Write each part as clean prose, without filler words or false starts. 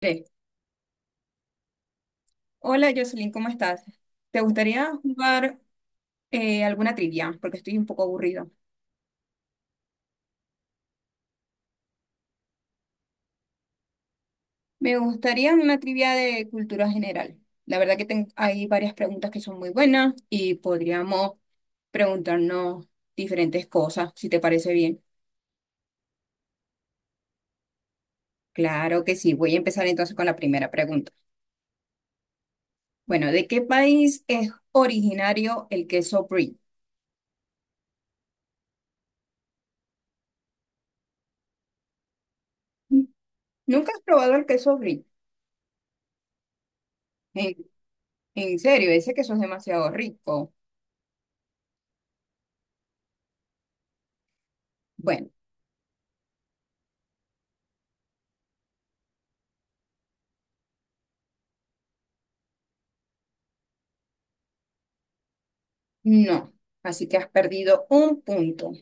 Tres. Hola Jocelyn, ¿cómo estás? ¿Te gustaría jugar alguna trivia? Porque estoy un poco aburrido. Me gustaría una trivia de cultura general. La verdad que hay varias preguntas que son muy buenas y podríamos preguntarnos diferentes cosas, si te parece bien. Claro que sí, voy a empezar entonces con la primera pregunta. Bueno, ¿de qué país es originario el queso brie? ¿Nunca has probado el queso brie? ¿En, en serio? Ese queso es demasiado rico. Bueno. No, así que has perdido un punto.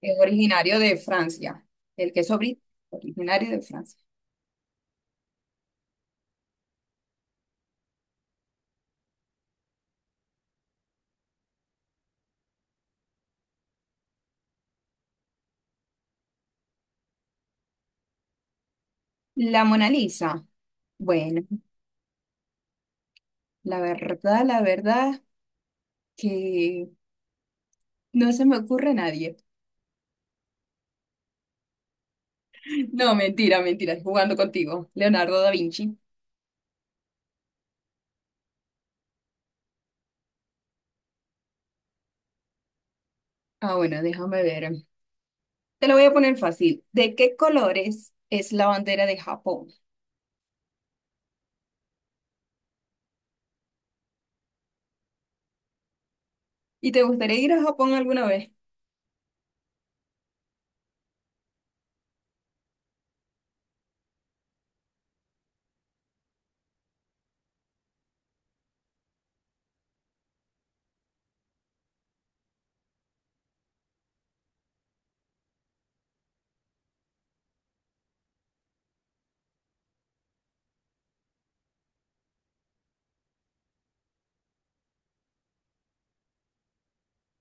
Es originario de Francia. El queso brie, originario de Francia. La Mona Lisa. Bueno, la verdad que no se me ocurre a nadie. No, mentira, mentira, jugando contigo. Leonardo da Vinci. Ah, bueno, déjame ver. Te lo voy a poner fácil. ¿De qué colores es la bandera de Japón? ¿Y te gustaría ir a Japón alguna vez?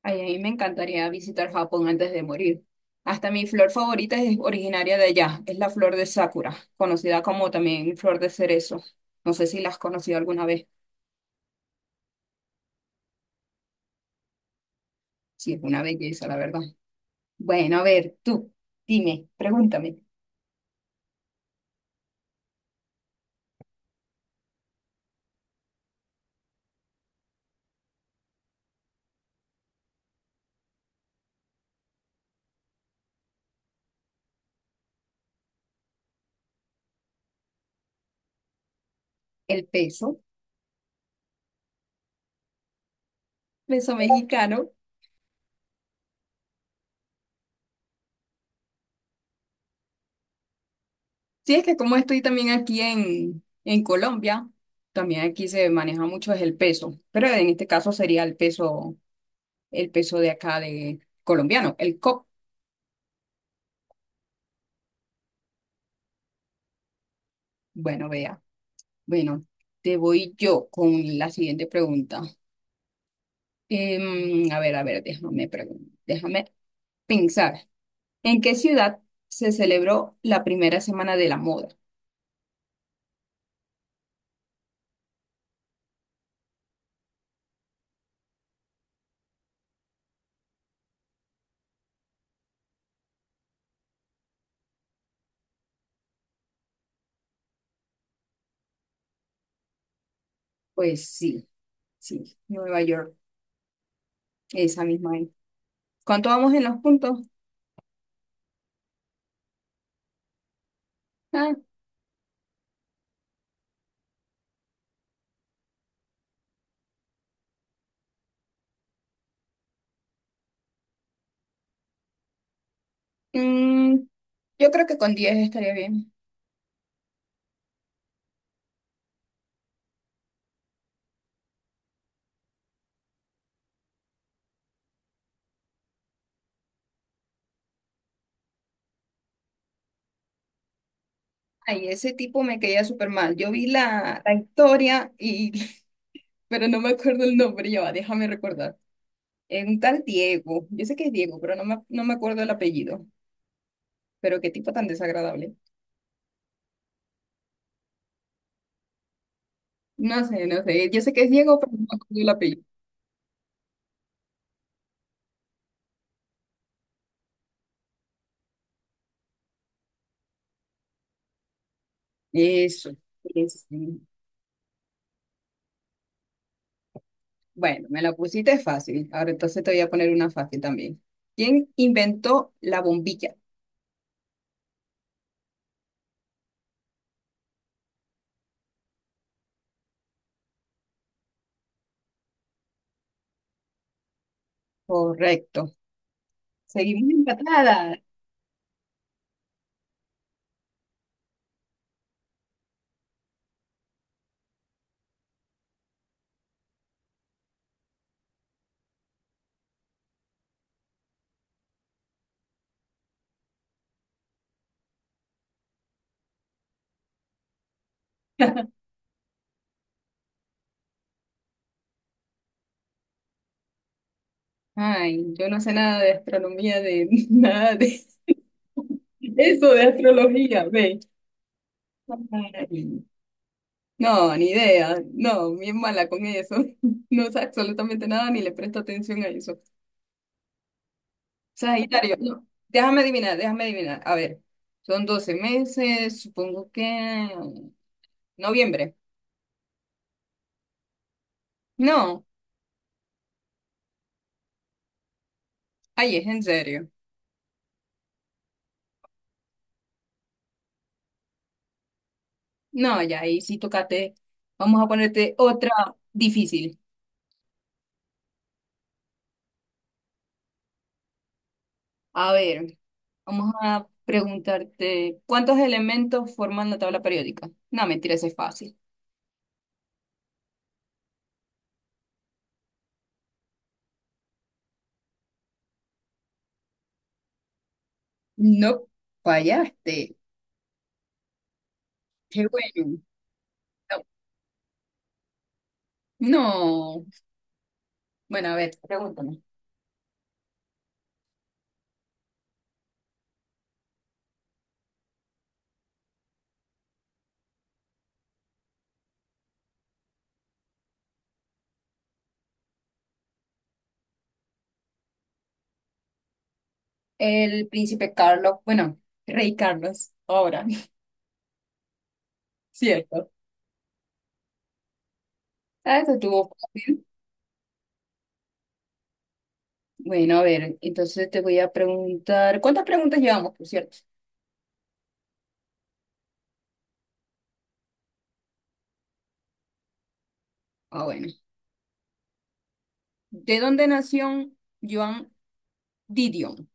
Ay, a mí me encantaría visitar Japón antes de morir. Hasta mi flor favorita es originaria de allá, es la flor de Sakura, conocida como también flor de cerezo. No sé si la has conocido alguna vez. Sí, es una belleza, la verdad. Bueno, a ver, tú, dime, pregúntame, ¿el peso, peso mexicano? Sí, es que como estoy también aquí en Colombia, también aquí se maneja mucho es el peso, pero en este caso sería el peso de acá de colombiano, el COP. Bueno, veamos. Bueno, te voy yo con la siguiente pregunta. Em, a ver, déjame pensar. ¿En qué ciudad se celebró la primera semana de la moda? Pues sí, sí, Nueva York, esa misma, ahí. ¿Cuánto vamos en los puntos? Ah, mm, yo creo que con 10 estaría bien. Ay, ese tipo me caía súper mal. Yo vi la historia y, pero no me acuerdo el nombre, ya va, déjame recordar. Es un tal Diego, yo sé que es Diego, pero no me acuerdo el apellido. Pero qué tipo tan desagradable. No sé, no sé. Yo sé que es Diego, pero no me acuerdo el apellido. Eso. Es. Bueno, me la pusiste fácil. Ahora entonces te voy a poner una fácil también. ¿Quién inventó la bombilla? Correcto. Seguimos empatadas. Ay, yo no sé nada de astronomía, de nada de eso, de astrología, ve. Ay, no, ni idea. No, bien mala con eso. No sé absolutamente nada ni le presto atención a eso. Sagitario, no, déjame adivinar, déjame adivinar. A ver, son 12 meses, supongo que noviembre. No, ahí es en serio. No, ya ahí sí tocate. Vamos a ponerte otra difícil. A ver, vamos a preguntarte, ¿cuántos elementos forman la tabla periódica? No, mentira, ese es fácil. No, fallaste. Qué bueno. No, no. Bueno, a ver, pregúntame. El príncipe Carlos, bueno, rey Carlos, ahora, ¿cierto? Ah, eso estuvo fácil. Bueno, a ver, entonces te voy a preguntar, ¿cuántas preguntas llevamos, por cierto? Ah, bueno. ¿De dónde nació Joan Didion?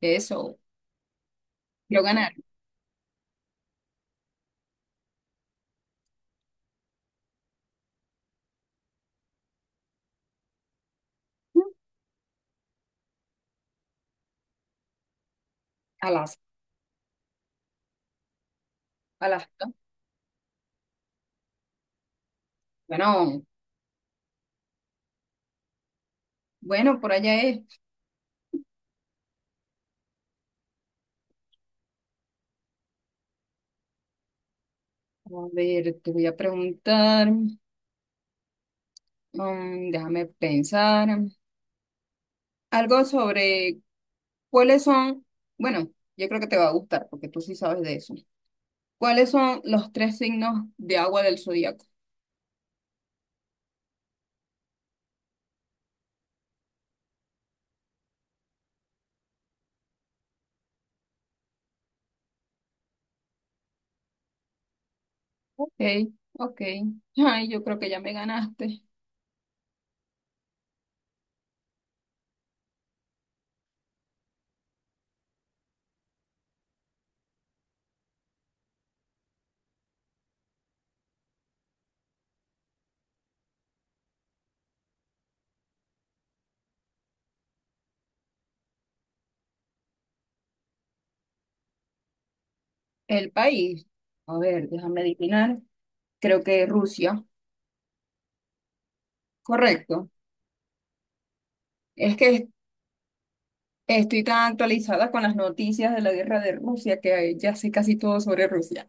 Eso, lo ganaron. Alaska, Alaska. Bueno, bueno, por allá es. A ver, te voy a preguntar, déjame pensar, algo sobre cuáles son, bueno, yo creo que te va a gustar porque tú sí sabes de eso. ¿Cuáles son los tres signos de agua del zodiaco? Ok, ok. Ay, yo creo que ya me ganaste. El país. A ver, déjame adivinar. Creo que Rusia. Correcto. Es que estoy tan actualizada con las noticias de la guerra de Rusia que ya sé casi todo sobre Rusia.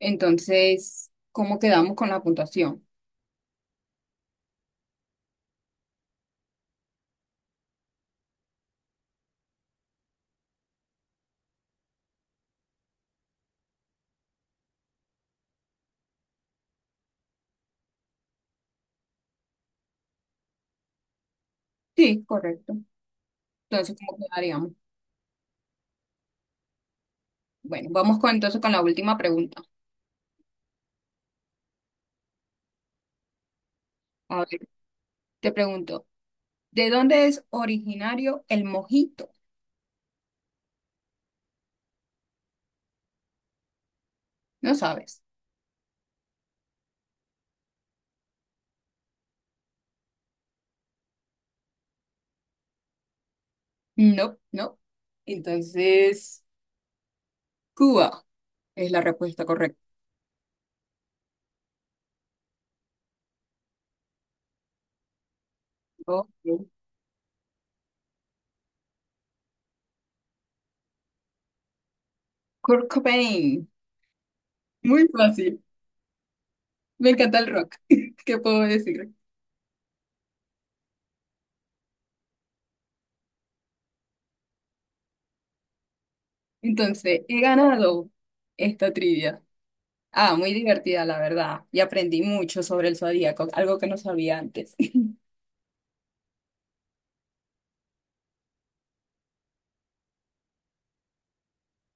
Entonces, ¿cómo quedamos con la puntuación? Sí, correcto. Entonces, ¿cómo quedaríamos? Bueno, vamos con, entonces con la última pregunta. A ver, te pregunto, ¿de dónde es originario el mojito? No sabes. No, no. Entonces, Cuba es la respuesta correcta. Ok. Kurt Cobain. Muy fácil. Me encanta el rock. ¿Qué puedo decir? Entonces, he ganado esta trivia. Ah, muy divertida, la verdad. Y aprendí mucho sobre el zodíaco, algo que no sabía antes.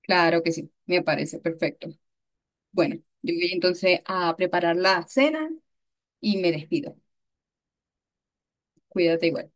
Claro que sí, me parece perfecto. Bueno, yo voy entonces a preparar la cena y me despido. Cuídate igual.